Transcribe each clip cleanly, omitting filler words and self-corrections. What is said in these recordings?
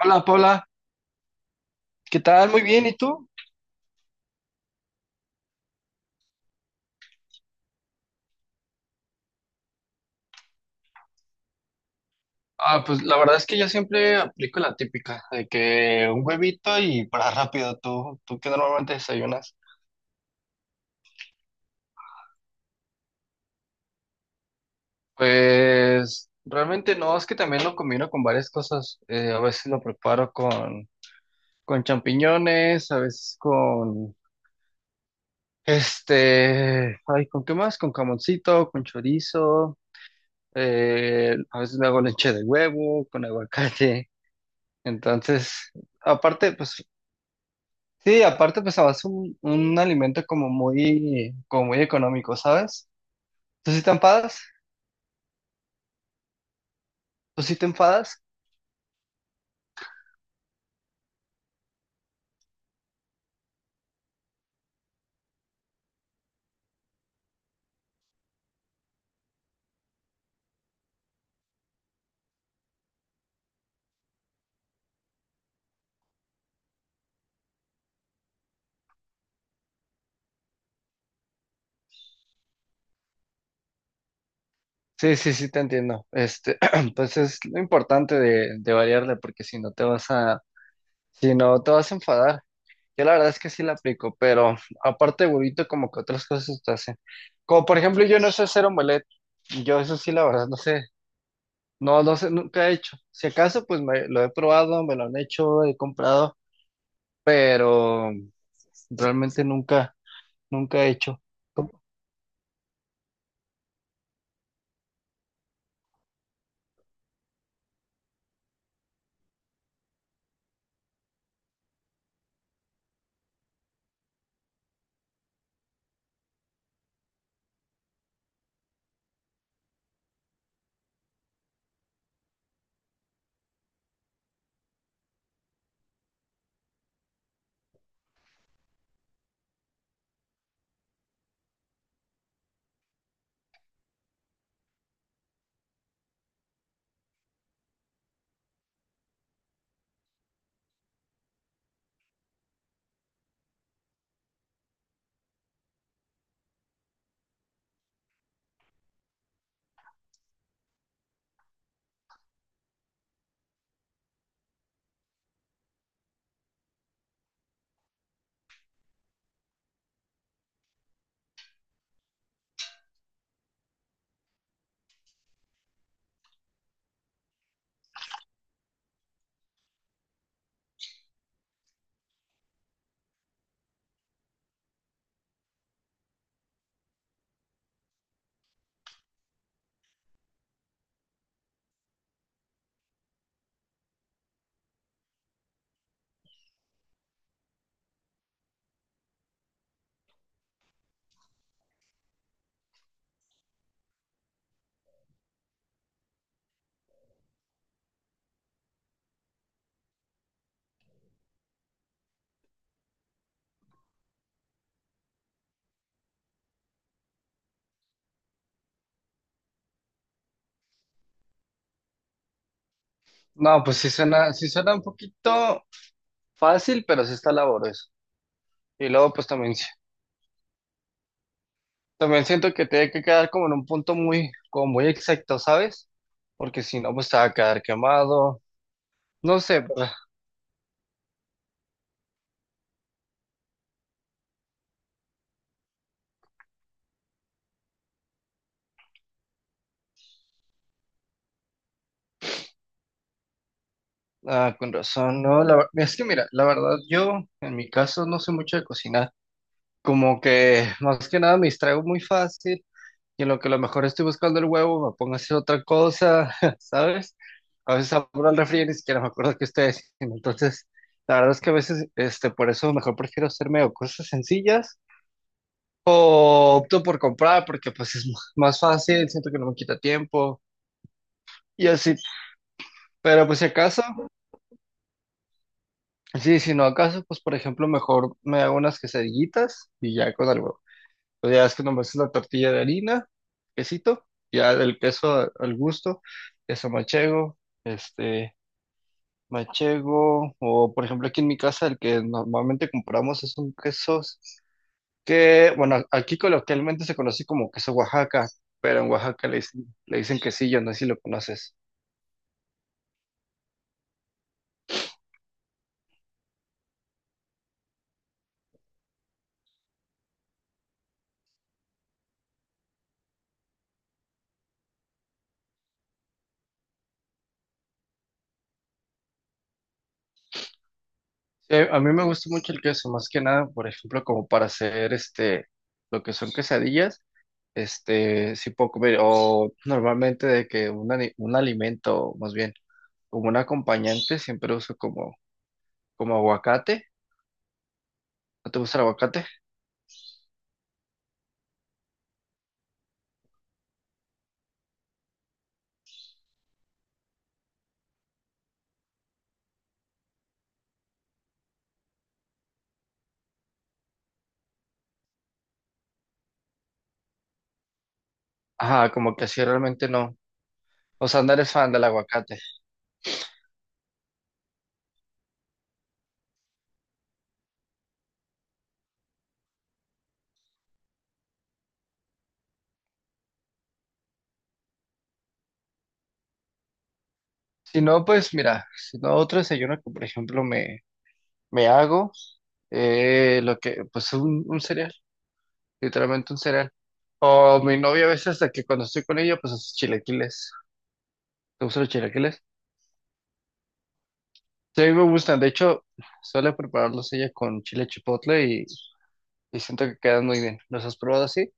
Hola Paula, ¿qué tal? Muy bien, ¿y tú? Pues la verdad es que yo siempre aplico la típica, de que un huevito y para rápido. ¿Tú, qué normalmente desayunas? Pues realmente no, es que también lo combino con varias cosas. A veces lo preparo con champiñones, a veces con ¿con qué más? Con camoncito, con chorizo, a veces me hago leche de huevo, con aguacate. Entonces, aparte, pues... Sí, aparte pues es un alimento como muy económico, ¿sabes? ¿Tú sí te enfadas? ¿Tú sí te enfadas? Sí, sí, sí te entiendo. Pues es lo importante de variarle, porque si no te vas a enfadar. Yo la verdad es que sí la aplico, pero aparte de huevito, como que otras cosas te hacen. Como por ejemplo, yo no sé hacer omelette. Yo eso sí, la verdad, no sé. No, no sé, nunca he hecho. Si acaso, pues lo he probado, me lo han hecho, he comprado, pero realmente nunca he hecho. No, pues sí suena un poquito fácil, pero sí está laborioso. Y luego, pues también, también siento que tiene que quedar como en un punto muy, como muy exacto, ¿sabes? Porque si no, pues te va a quedar quemado. No sé, pero... con razón. No, la, ver- Es que mira, la verdad, yo en mi caso no sé mucho de cocinar. Como que más que nada me distraigo muy fácil. Y en lo que a lo mejor estoy buscando el huevo, me pongo a hacer otra cosa, ¿sabes? A veces abro el refri y ni siquiera me acuerdo que estoy haciendo. Entonces, la verdad es que a veces, por eso mejor prefiero hacerme o cosas sencillas o opto por comprar porque pues es más fácil, siento que no me quita tiempo y así. Pero pues si acaso, sí, si no acaso, pues por ejemplo mejor me hago unas quesadillitas y ya con algo. Pues ya es que nomás es la tortilla de harina, quesito, ya del queso al gusto, queso machego, este, machego, o por ejemplo aquí en mi casa el que normalmente compramos es un queso que, bueno, aquí coloquialmente se conoce como queso Oaxaca, pero en Oaxaca le dicen quesillo, no sé si lo conoces. A mí me gusta mucho el queso, más que nada, por ejemplo, como para hacer lo que son quesadillas. Sí puedo comer, o normalmente de que un alimento, más bien, como un acompañante, siempre uso como aguacate. ¿No te gusta el aguacate? Ajá, como que así realmente no. O sea, no eres fan del aguacate. Si no, pues mira, si no, otro desayuno que, por ejemplo, me hago, pues un cereal, literalmente un cereal. O mi novia a veces, de que cuando estoy con ella, pues hace chilaquiles. ¿Te gustan los chilaquiles? Sí, a mí me gustan. De hecho, suele prepararlos ella con chile y siento que quedan muy bien. ¿Los has probado así?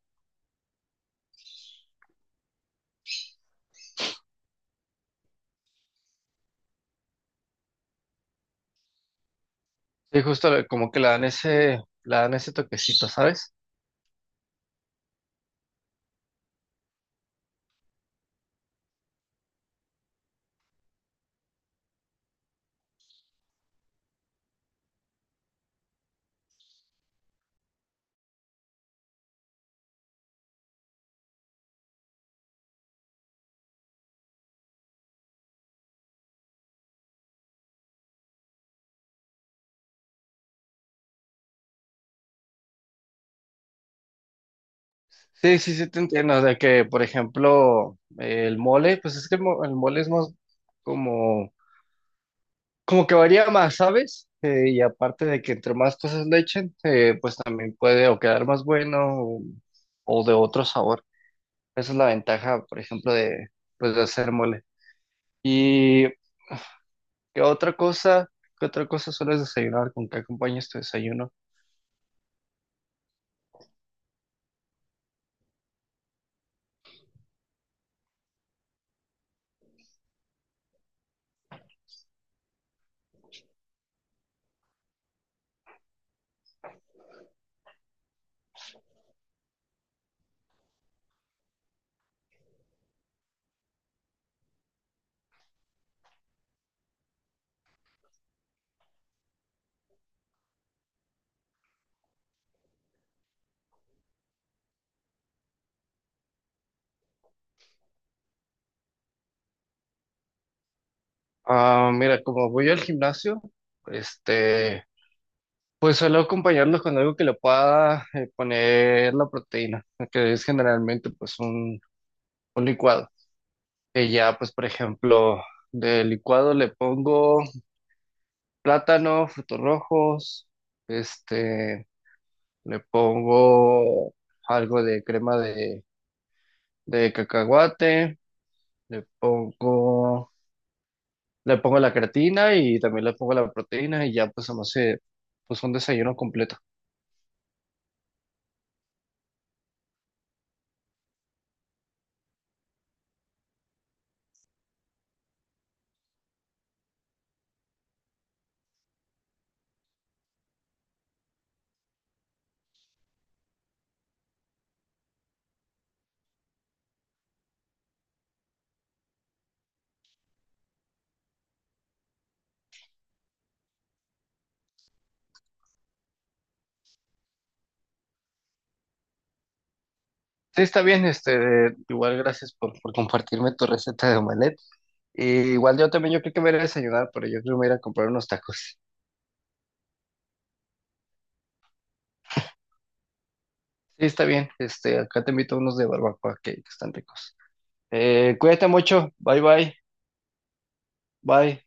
Sí, como que le dan ese toquecito, ¿sabes? Sí, sí, sí, te entiendo. De que, por ejemplo, el mole, pues es que el mole es más como, como que varía más, ¿sabes? Y aparte de que entre más cosas le echen, pues también puede o quedar más bueno o, o de otro sabor. Esa es la ventaja, por ejemplo, de, pues, de hacer mole. Y ¿qué otra cosa? ¿Qué otra cosa sueles desayunar? ¿Con qué acompañas tu desayuno? Ah, mira, como voy al gimnasio, este, pues suelo acompañarlo con algo que le pueda poner la proteína, que es generalmente pues un licuado. Que ya, pues por ejemplo, de licuado le pongo plátano, frutos rojos, este, le pongo algo de crema de cacahuate, le pongo le pongo la creatina y también le pongo la proteína y ya pues se me hace pues un desayuno completo. Sí, está bien, igual gracias por compartirme tu receta de omelette. Y igual yo también, yo creo que me voy a ir a desayunar, pero yo creo que me voy a ir a comprar unos tacos. Sí, está bien, acá te invito a unos de barbacoa que están ricos. Cuídate mucho, bye bye, bye.